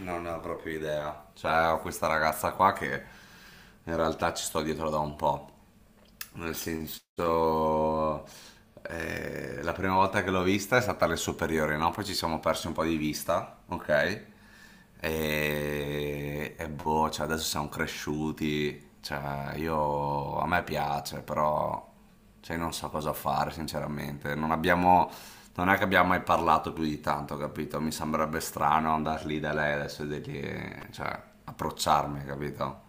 Non ne ho proprio idea. Cioè, ho questa ragazza qua che in realtà ci sto dietro da un po'. Nel senso, la prima volta che l'ho vista è stata alle superiori, no? Poi ci siamo persi un po' di vista, ok? E boh, cioè, adesso siamo cresciuti. Cioè, io a me piace, però cioè non so cosa fare sinceramente, non abbiamo... Non è che abbiamo mai parlato più di tanto, capito? Mi sembrerebbe strano andare lì da lei adesso e dirgli, cioè, approcciarmi, capito?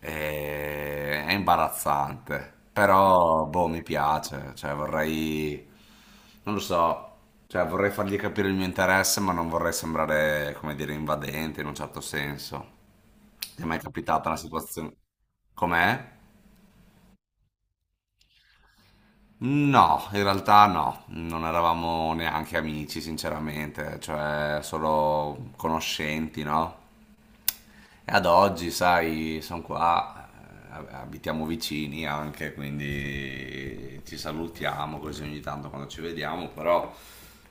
È imbarazzante, però, boh, mi piace, cioè, vorrei, non lo so, cioè, vorrei fargli capire il mio interesse, ma non vorrei sembrare, come dire, invadente in un certo senso. Ti è mai capitata una situazione? Com'è? No, in realtà no, non eravamo neanche amici, sinceramente, cioè solo conoscenti, no? E ad oggi, sai, sono qua, abitiamo vicini anche, quindi ci salutiamo così ogni tanto quando ci vediamo, però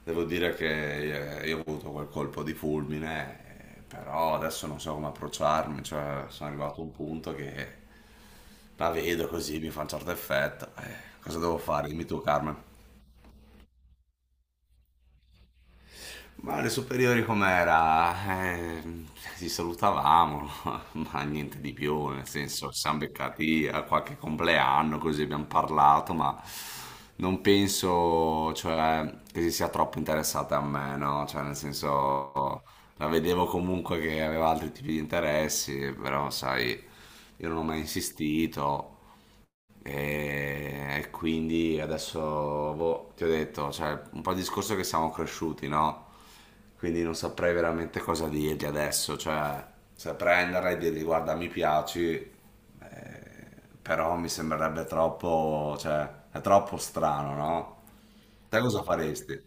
devo dire che io ho avuto quel colpo di fulmine, però adesso non so come approcciarmi, cioè sono arrivato a un punto che la vedo così, mi fa un certo effetto. Cosa devo fare? Dimmi tu, Carmen. Ma le superiori com'era? Eh, ci salutavamo, ma niente di più, nel senso, ci siamo beccati a qualche compleanno, così abbiamo parlato, ma non penso, cioè, che si sia troppo interessata a me, no? Cioè, nel senso, la vedevo comunque che aveva altri tipi di interessi, però, sai, io non ho mai insistito. E quindi adesso boh, ti ho detto, cioè, un po' il discorso è che siamo cresciuti, no? Quindi non saprei veramente cosa dirgli adesso, cioè, se prenderla e dirgli guarda, mi piaci, però mi sembrerebbe troppo, cioè, è troppo strano, no? Te cosa faresti?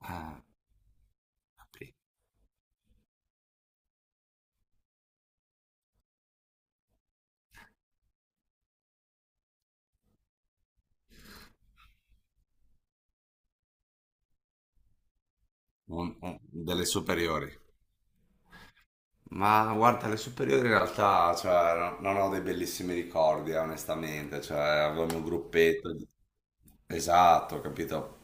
Ah, capì. Delle superiori. Ma guarda, le superiori in realtà, cioè, non ho dei bellissimi ricordi, onestamente, cioè, avevo il mio gruppetto di. Esatto, capito?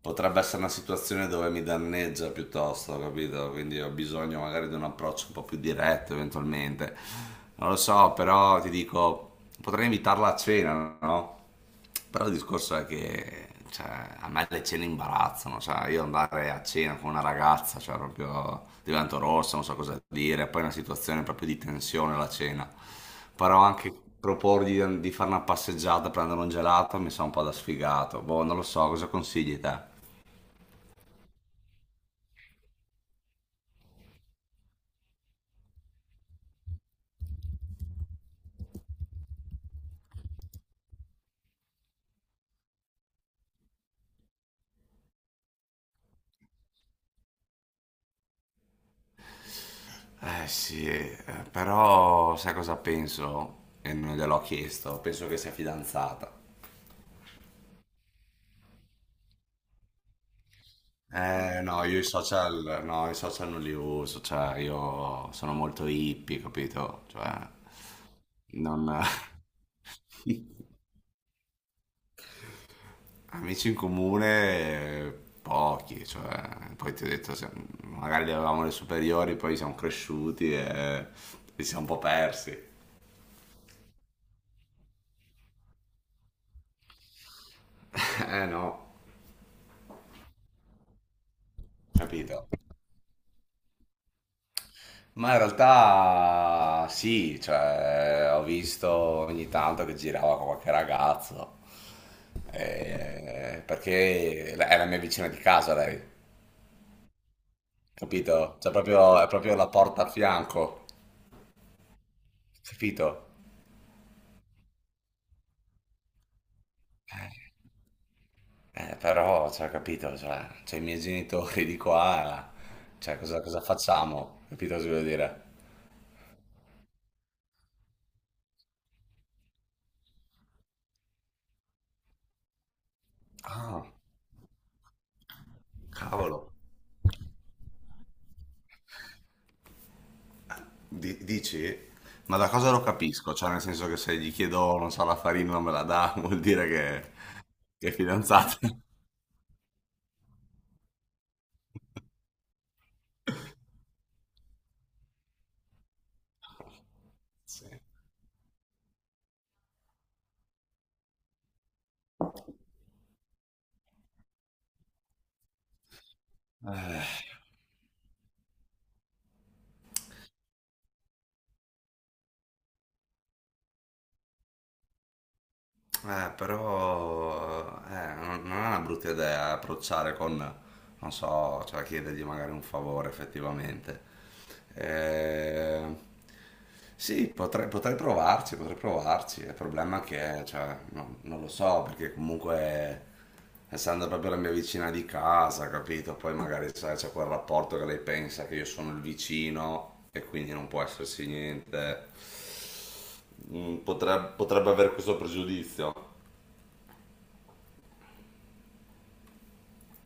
Potrebbe essere una situazione dove mi danneggia piuttosto, capito? Quindi ho bisogno magari di un approccio un po' più diretto eventualmente. Non lo so, però ti dico, potrei invitarla a cena, no? Però il discorso è che cioè, a me le cene imbarazzano, cioè io andare a cena con una ragazza, cioè proprio divento rossa, non so cosa dire, poi è una situazione proprio di tensione la cena. Però anche proporgli di fare una passeggiata, prendere un gelato, mi sa un po' da sfigato. Boh, non lo so, cosa consigli te? Eh sì, però sai cosa penso? E non gliel'ho chiesto, penso che sia fidanzata. No, io i social, no, i social non li uso, cioè io sono molto hippie, capito? Cioè, non... Amici in comune, eh, pochi, cioè, poi ti ho detto, magari li avevamo le superiori, poi siamo cresciuti e ci siamo un po' persi. Eh no, capito? Ma in realtà sì, cioè, ho visto ogni tanto che girava con qualche ragazzo, perché è la mia vicina di casa lei, capito? Cioè, proprio, è proprio la porta a fianco, capito? Però, cioè, capito, cioè, c'ho i miei genitori di qua, cioè, cosa facciamo? Capito cosa voglio dire? Ah, cavolo. Dici? Ma da cosa lo capisco? Cioè, nel senso che se gli chiedo, non so, la farina non me la dà, vuol dire che è fidanzata. Sì. Eh. Però non è una brutta idea approcciare con, non so, cioè chiedergli magari un favore effettivamente. Eh, sì, potrei provarci, potrei provarci. Il problema è che, cioè, non lo so, perché comunque, essendo proprio la mia vicina di casa, capito? Poi magari sai, c'è quel rapporto che lei pensa che io sono il vicino e quindi non può esserci niente mm, potrebbe avere questo pregiudizio.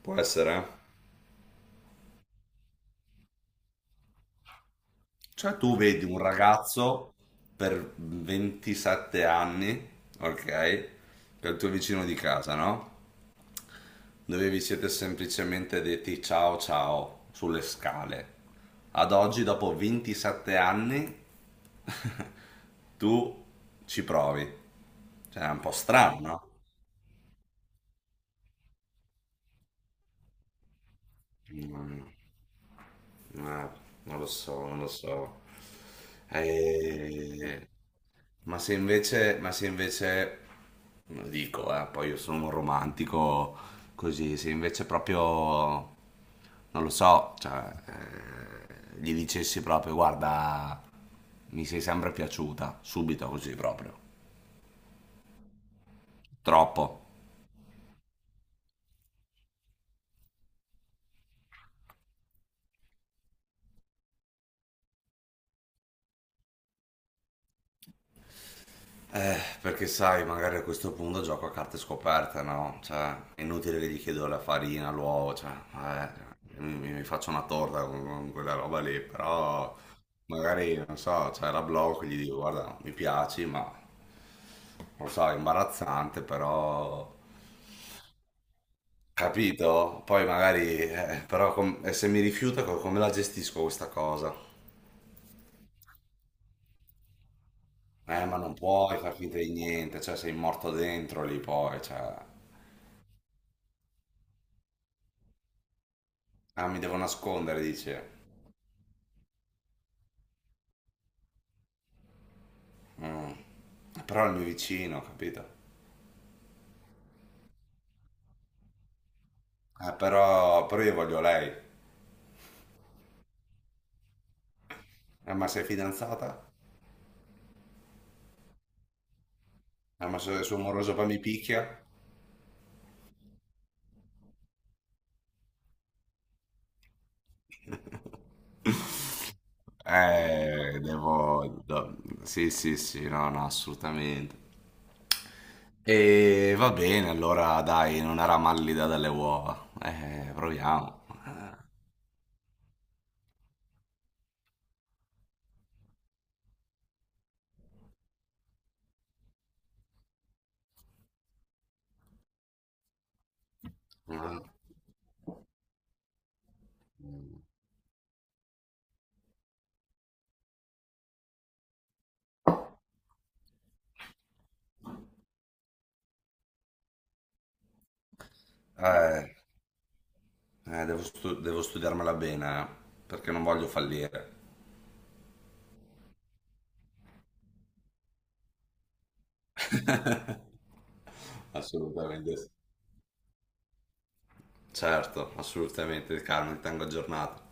Può essere. Cioè, tu vedi un ragazzo per 27 anni, ok, che è il tuo vicino di casa, no? Dove vi siete semplicemente detti ciao ciao sulle scale. Ad oggi, dopo 27 anni, tu ci provi. Cioè, è un po' strano, no? Mm, eh, non lo so, non lo so. Eh, ma se invece, lo dico, poi io sono un romantico così, se invece proprio, non lo so, cioè, gli dicessi proprio, guarda, mi sei sempre piaciuta, subito così proprio, troppo. Perché sai, magari a questo punto gioco a carte scoperte, no? Cioè, è inutile che gli chiedo la farina, l'uovo, cioè, mi faccio una torta con quella roba lì, però magari, non so, cioè, la blocco e gli dico, guarda, mi piaci, ma, lo so, è imbarazzante, però... Capito? Poi magari, però e se mi rifiuta, come la gestisco questa cosa? Ma non puoi far finta di niente, cioè sei morto dentro lì poi, cioè... Ah, mi devo nascondere, dice. Mm. Però è il mio vicino, capito? Però, però io voglio lei. Ma sei fidanzata? Ma se il suo moroso poi mi picchia? Devo... Sì, sì, sì, no, no, assolutamente. E va bene, allora dai, non era mallida dalle uova. Proviamo. Mm. Eh, eh, devo, devo studiarmela bene, perché non voglio fallire. Assolutamente sì. Certo, assolutamente, Carmen, ti tengo aggiornato.